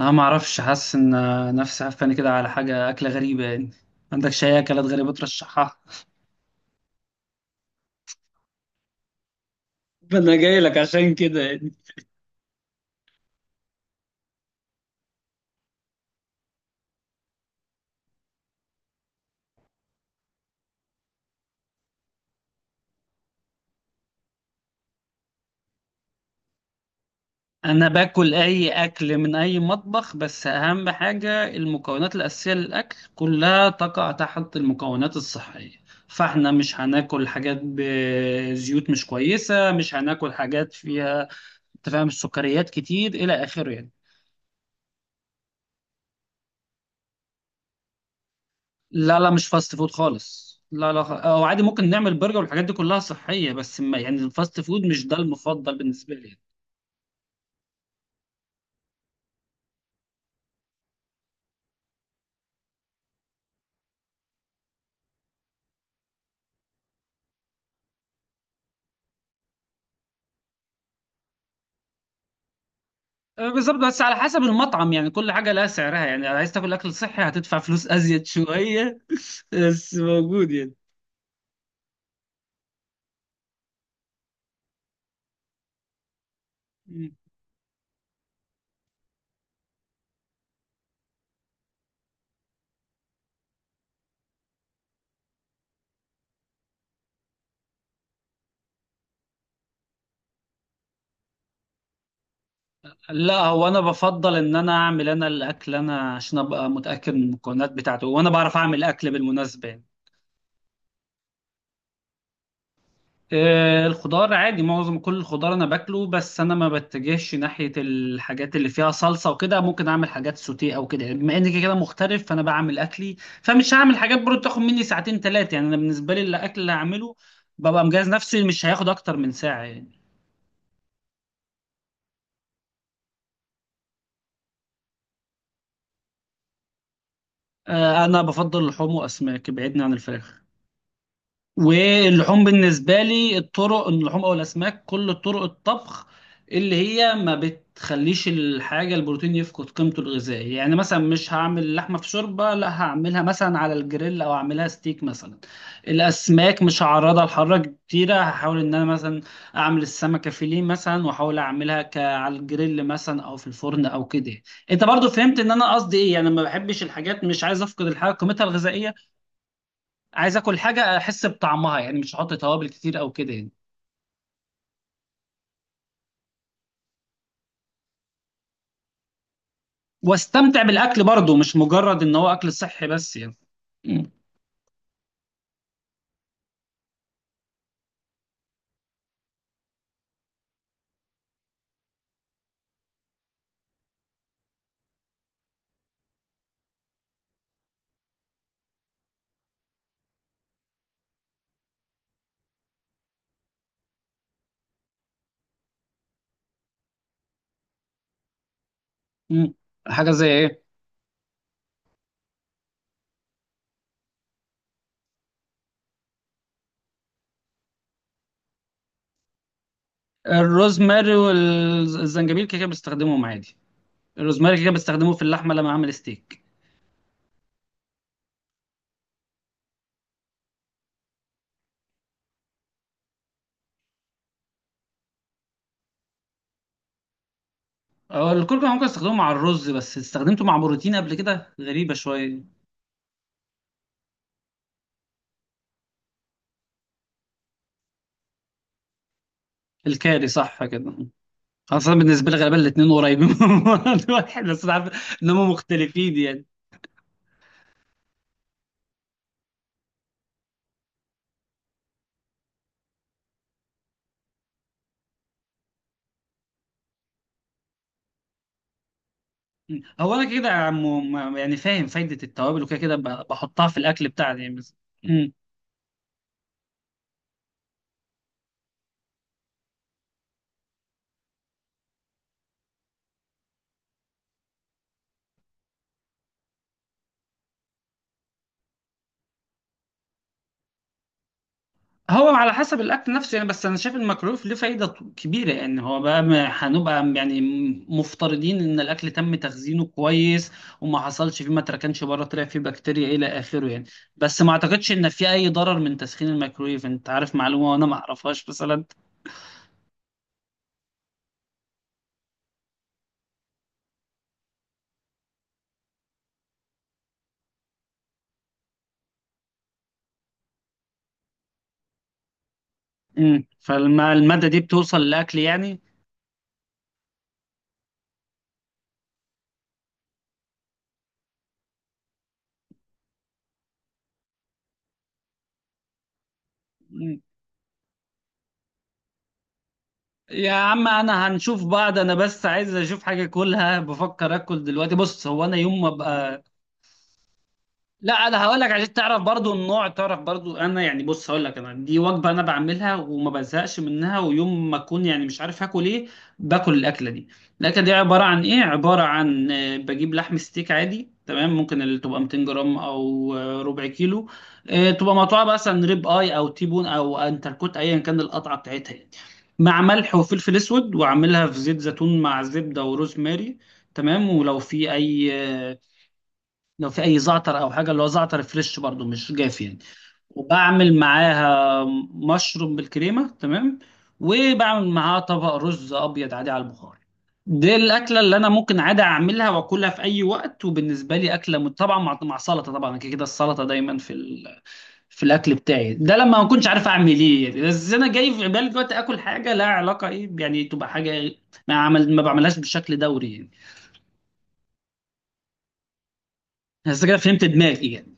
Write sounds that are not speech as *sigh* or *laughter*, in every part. انا ما اعرفش حاسس ان نفسي هفاني كده على حاجه اكله غريبه، يعني ما عندكش اي اكلات غريبه ترشحها؟ فانا جاي لك عشان كده يعني. انا باكل اي اكل من اي مطبخ، بس اهم حاجه المكونات الاساسيه للاكل كلها تقع تحت المكونات الصحيه. فاحنا مش هناكل حاجات بزيوت مش كويسه، مش هناكل حاجات فيها، انت فاهم، السكريات كتير الى اخره يعني. لا لا، مش فاست فود خالص، لا لا، او عادي ممكن نعمل برجر والحاجات دي كلها صحية، بس ما يعني الفاست فود مش ده المفضل بالنسبة لي يعني. آه، بالظبط، بس على حسب المطعم يعني. كل حاجة لها سعرها يعني، عايز تاكل أكل صحي هتدفع فلوس أزيد شوية. *laughs* بس موجود يعني. مم. لا هو أنا بفضل إن أنا أعمل أنا الأكل، أنا عشان أبقى متأكد من المكونات بتاعته، وأنا بعرف أعمل أكل بالمناسبة يعني. آه، الخضار عادي، معظم كل الخضار انا باكله، بس انا ما بتجهش ناحيه الحاجات اللي فيها صلصه وكده. ممكن اعمل حاجات سوتيه او كده يعني، بما اني كده كده مغترب فانا بعمل اكلي. فمش هعمل حاجات برضه تاخد مني ساعتين ثلاثه يعني. انا بالنسبه لي الاكل اللي هعمله ببقى مجهز نفسي مش هياخد اكتر من ساعه يعني. آه، انا بفضل اللحوم واسماك، بعيدني عن الفراخ. واللحوم بالنسبة لي الطرق، اللحوم أو الأسماك، كل طرق الطبخ اللي هي ما بتخليش الحاجة البروتين يفقد قيمته الغذائية. يعني مثلا مش هعمل لحمة في شوربة، لا هعملها مثلا على الجريل أو أعملها ستيك مثلا. الأسماك مش هعرضها لحرارة كتيرة، هحاول إن أنا مثلا أعمل السمكة فيليه مثلا، وأحاول أعملها على الجريل مثلا أو في الفرن أو كده. أنت برضو فهمت إن أنا قصدي إيه يعني، ما بحبش الحاجات، مش عايز أفقد الحاجة قيمتها الغذائية. عايز اكل حاجه احس بطعمها يعني، مش احط توابل كتير او كده يعني. واستمتع بالاكل برضه، مش مجرد ان هو اكل صحي بس يعني. مم. مم. حاجه زي ايه؟ الروزماري والزنجبيل كده كده بستخدمهم عادي. الروزماري كده كده بستخدمه في اللحمه لما اعمل ستيك. أه، الكركم ممكن استخدمه مع الرز، بس استخدمته مع بروتين قبل كده، غريبه شويه. الكاري صح كده؟ خاصة بالنسبة لي غالبا الاتنين قريبين من بعض. *laughs* واحد، بس أنا عارف إن هم مختلفين يعني. مم. هو انا كده يا عم، يعني فاهم فايده التوابل وكده كده بحطها في الاكل بتاعي يعني بس. مم. هو على حسب الاكل نفسه يعني، بس انا شايف المكروف له فايده كبيره يعني. هو بقى هنبقى يعني مفترضين ان الاكل تم تخزينه كويس، وما حصلش فيه، ما تركنش بره طلع فيه بكتيريا الى اخره يعني. بس ما اعتقدش ان في اي ضرر من تسخين الميكرويف، انت عارف معلومه وانا ما اعرفهاش مثلا. مم. فالماده دي بتوصل للاكل يعني. يا عم انا هنشوف بعض، انا بس عايز اشوف حاجه اكلها، بفكر اكل دلوقتي. بص هو انا يوم ما ابقى، لا انا هقول لك عشان تعرف برضو النوع، تعرف برضو انا يعني. بص هقول لك، انا دي وجبه انا بعملها وما بزهقش منها، ويوم ما اكون يعني مش عارف هاكل ايه باكل الاكله دي. الاكله دي عباره عن ايه؟ عباره عن آه، بجيب لحم ستيك عادي، تمام، ممكن اللي تبقى 200 جرام او آه، ربع كيلو. آه، تبقى مقطوعه مثلا ريب اي او تيبون او انتركوت، ايا كان القطعه بتاعتها يعني. مع ملح وفلفل اسود، واعملها في زيت زيتون مع زبده وروز ماري. تمام، ولو في اي آه، لو في اي زعتر او حاجه، اللي هو زعتر فريش برضو مش جاف يعني. وبعمل معاها مشروم بالكريمه، تمام. وبعمل معاها طبق رز ابيض عادي على البخار. دي الاكله اللي انا ممكن عادي اعملها واكلها في اي وقت، وبالنسبه لي اكله طبعا مع مع سلطه طبعا. أنا كده كده السلطه دايما في في الاكل بتاعي ده. لما ما كنتش عارف اعمل ايه يعني، بس انا جاي في بالي دلوقتي اكل حاجه لها علاقه ايه يعني، تبقى حاجه إيه، ما عمل ما بعملهاش بشكل دوري يعني. بس كده فهمت دماغي يعني.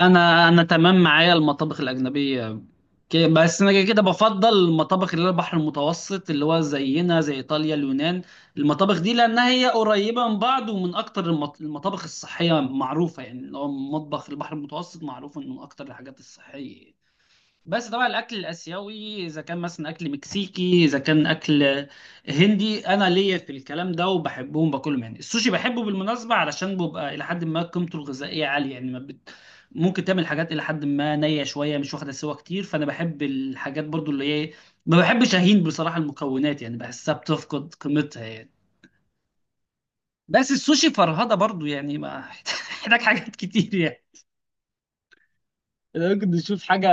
انا تمام معايا المطابخ الاجنبيه، بس انا كده كده بفضل المطابخ اللي هي البحر المتوسط، اللي هو زينا زي ايطاليا، اليونان. المطابخ دي لانها هي قريبه من بعض، ومن اكتر المطابخ الصحيه معروفه يعني. اللي هو مطبخ البحر المتوسط معروف انه من اكتر الحاجات الصحيه. بس طبعا الاكل الاسيوي، اذا كان مثلا اكل مكسيكي، اذا كان اكل هندي، انا ليا في الكلام ده وبحبهم باكلهم يعني. السوشي بحبه بالمناسبه علشان بيبقى الى حد ما قيمته الغذائيه عاليه يعني. ما ممكن تعمل حاجات الى حد ما نيه شويه مش واخده سوا كتير، فانا بحب الحاجات برضو اللي هي، ما بحبش اهين بصراحه المكونات يعني، بحسها بتفقد قيمتها يعني. بس السوشي فرهده برضو يعني، ما *laughs* محتاج حاجات كتير يعني. ممكن نشوف حاجه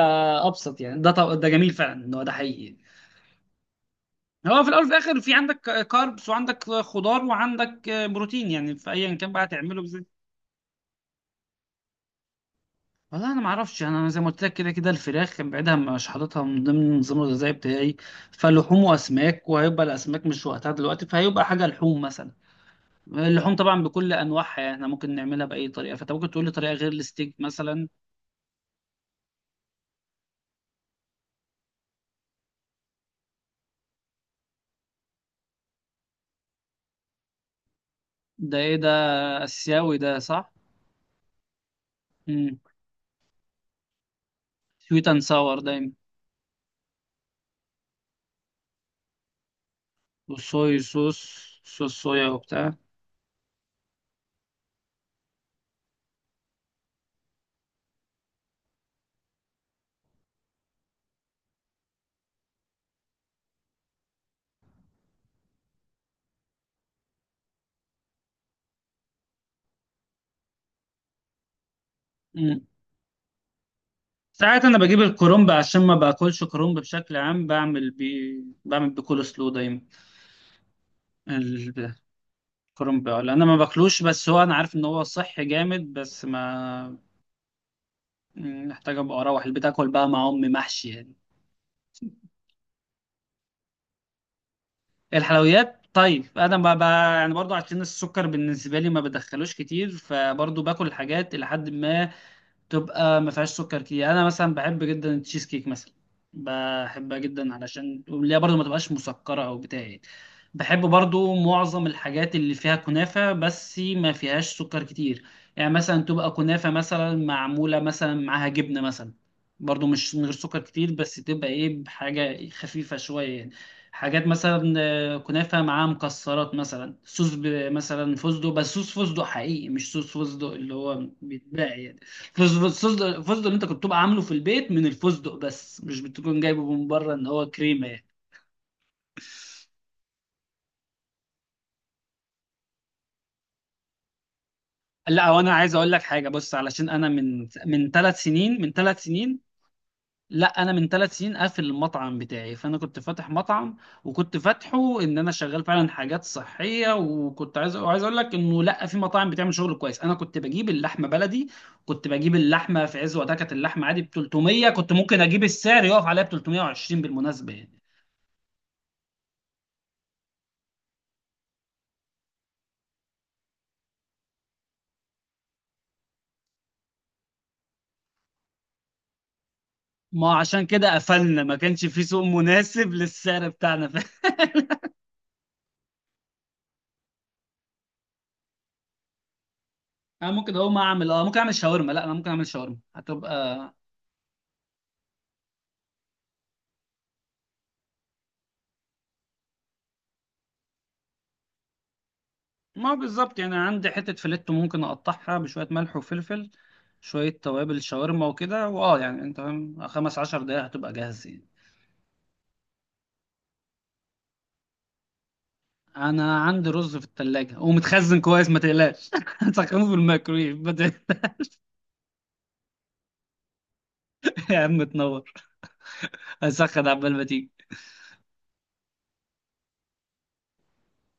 ابسط يعني. ده ده جميل فعلا ان هو ده حقيقي. هو في الاول وفي الاخر، في عندك كاربس وعندك خضار وعندك بروتين، يعني في ايا كان بقى تعمله ازاي. والله انا ما اعرفش، انا زي ما قلت لك كده كده الفراخ كان بعيدها، مش حاططها من ضمن النظام الغذائي بتاعي. فلحوم واسماك، وهيبقى الاسماك مش وقتها دلوقتي، فهيبقى حاجه لحوم مثلا. اللحوم طبعا بكل انواعها يعني، احنا ممكن نعملها باي طريقه، فانت ممكن تقول لي طريقه غير الستيك مثلا. ده ايه ده، اسيوي ده صح؟ امم، سويت اند ساور دايما. والصويا صوص، صوص صويا وبتاع. ساعات انا بجيب الكرنب عشان ما باكلش كرنب بشكل عام، بعمل بيه، بعمل بيه كول سلو دايما. ال- الكرنب، ولا انا ما باكلوش، بس هو انا عارف ان هو صحي جامد، بس ما محتاج ابقى اروح البيت اكل بقى مع امي محشي يعني. الحلويات، طيب انا ما ب... يعني برضو عشان السكر بالنسبه لي ما بدخلوش كتير، فبرضو باكل الحاجات الى حد ما تبقى ما فيهاش سكر كتير يعني. انا مثلا بحب جدا التشيز كيك مثلا، بحبها جدا علشان اللي هي برضو ما تبقاش مسكره او بتاع يعني. بحب برضو معظم الحاجات اللي فيها كنافه، بس ما فيهاش سكر كتير يعني. مثلا تبقى كنافه مثلا معموله مثلا معاها جبنه مثلا، برضو مش من غير سكر كتير، بس تبقى ايه، بحاجه خفيفه شويه يعني. حاجات مثلا آه، كنافه معاها مكسرات مثلا، صوص مثلا فستق، بس صوص فستق حقيقي، مش صوص فستق اللي هو بيتباع يعني. فستق، فستق اللي انت كنت تبقى عامله في البيت من الفستق، بس مش بتكون جايبه من بره ان هو كريمه يعني. لا وانا عايز اقول لك حاجه، بص علشان انا من ثلاث سنين، لا انا من ثلاث سنين قافل المطعم بتاعي. فانا كنت فاتح مطعم، وكنت فاتحه ان انا شغال فعلا حاجات صحيه، وكنت عايز وعايز اقول لك انه لا في مطاعم بتعمل شغل كويس. انا كنت بجيب اللحمه بلدي، كنت بجيب اللحمه في عز وقتها، كانت اللحمه عادي ب 300، كنت ممكن اجيب السعر يقف عليها ب 320 بالمناسبه يعني. ما عشان كده قفلنا، ما كانش في سوق مناسب للسعر بتاعنا. *laughs* انا ممكن اقوم اعمل اه ممكن اعمل شاورما، لا انا ممكن اعمل شاورما هتبقى، ما بالظبط يعني. عندي حتة فيليتو ممكن اقطعها بشوية ملح وفلفل، شوية توابل شاورما وكده، واه يعني انت فاهم، خمس عشر دقايق هتبقى جاهز يعني. انا عندي رز في التلاجة ومتخزن كويس، ما تقلقش، *laughs* هسخنه في الميكرويف. *laughs* يا عم تنور، هسخن عبال ما تيجي.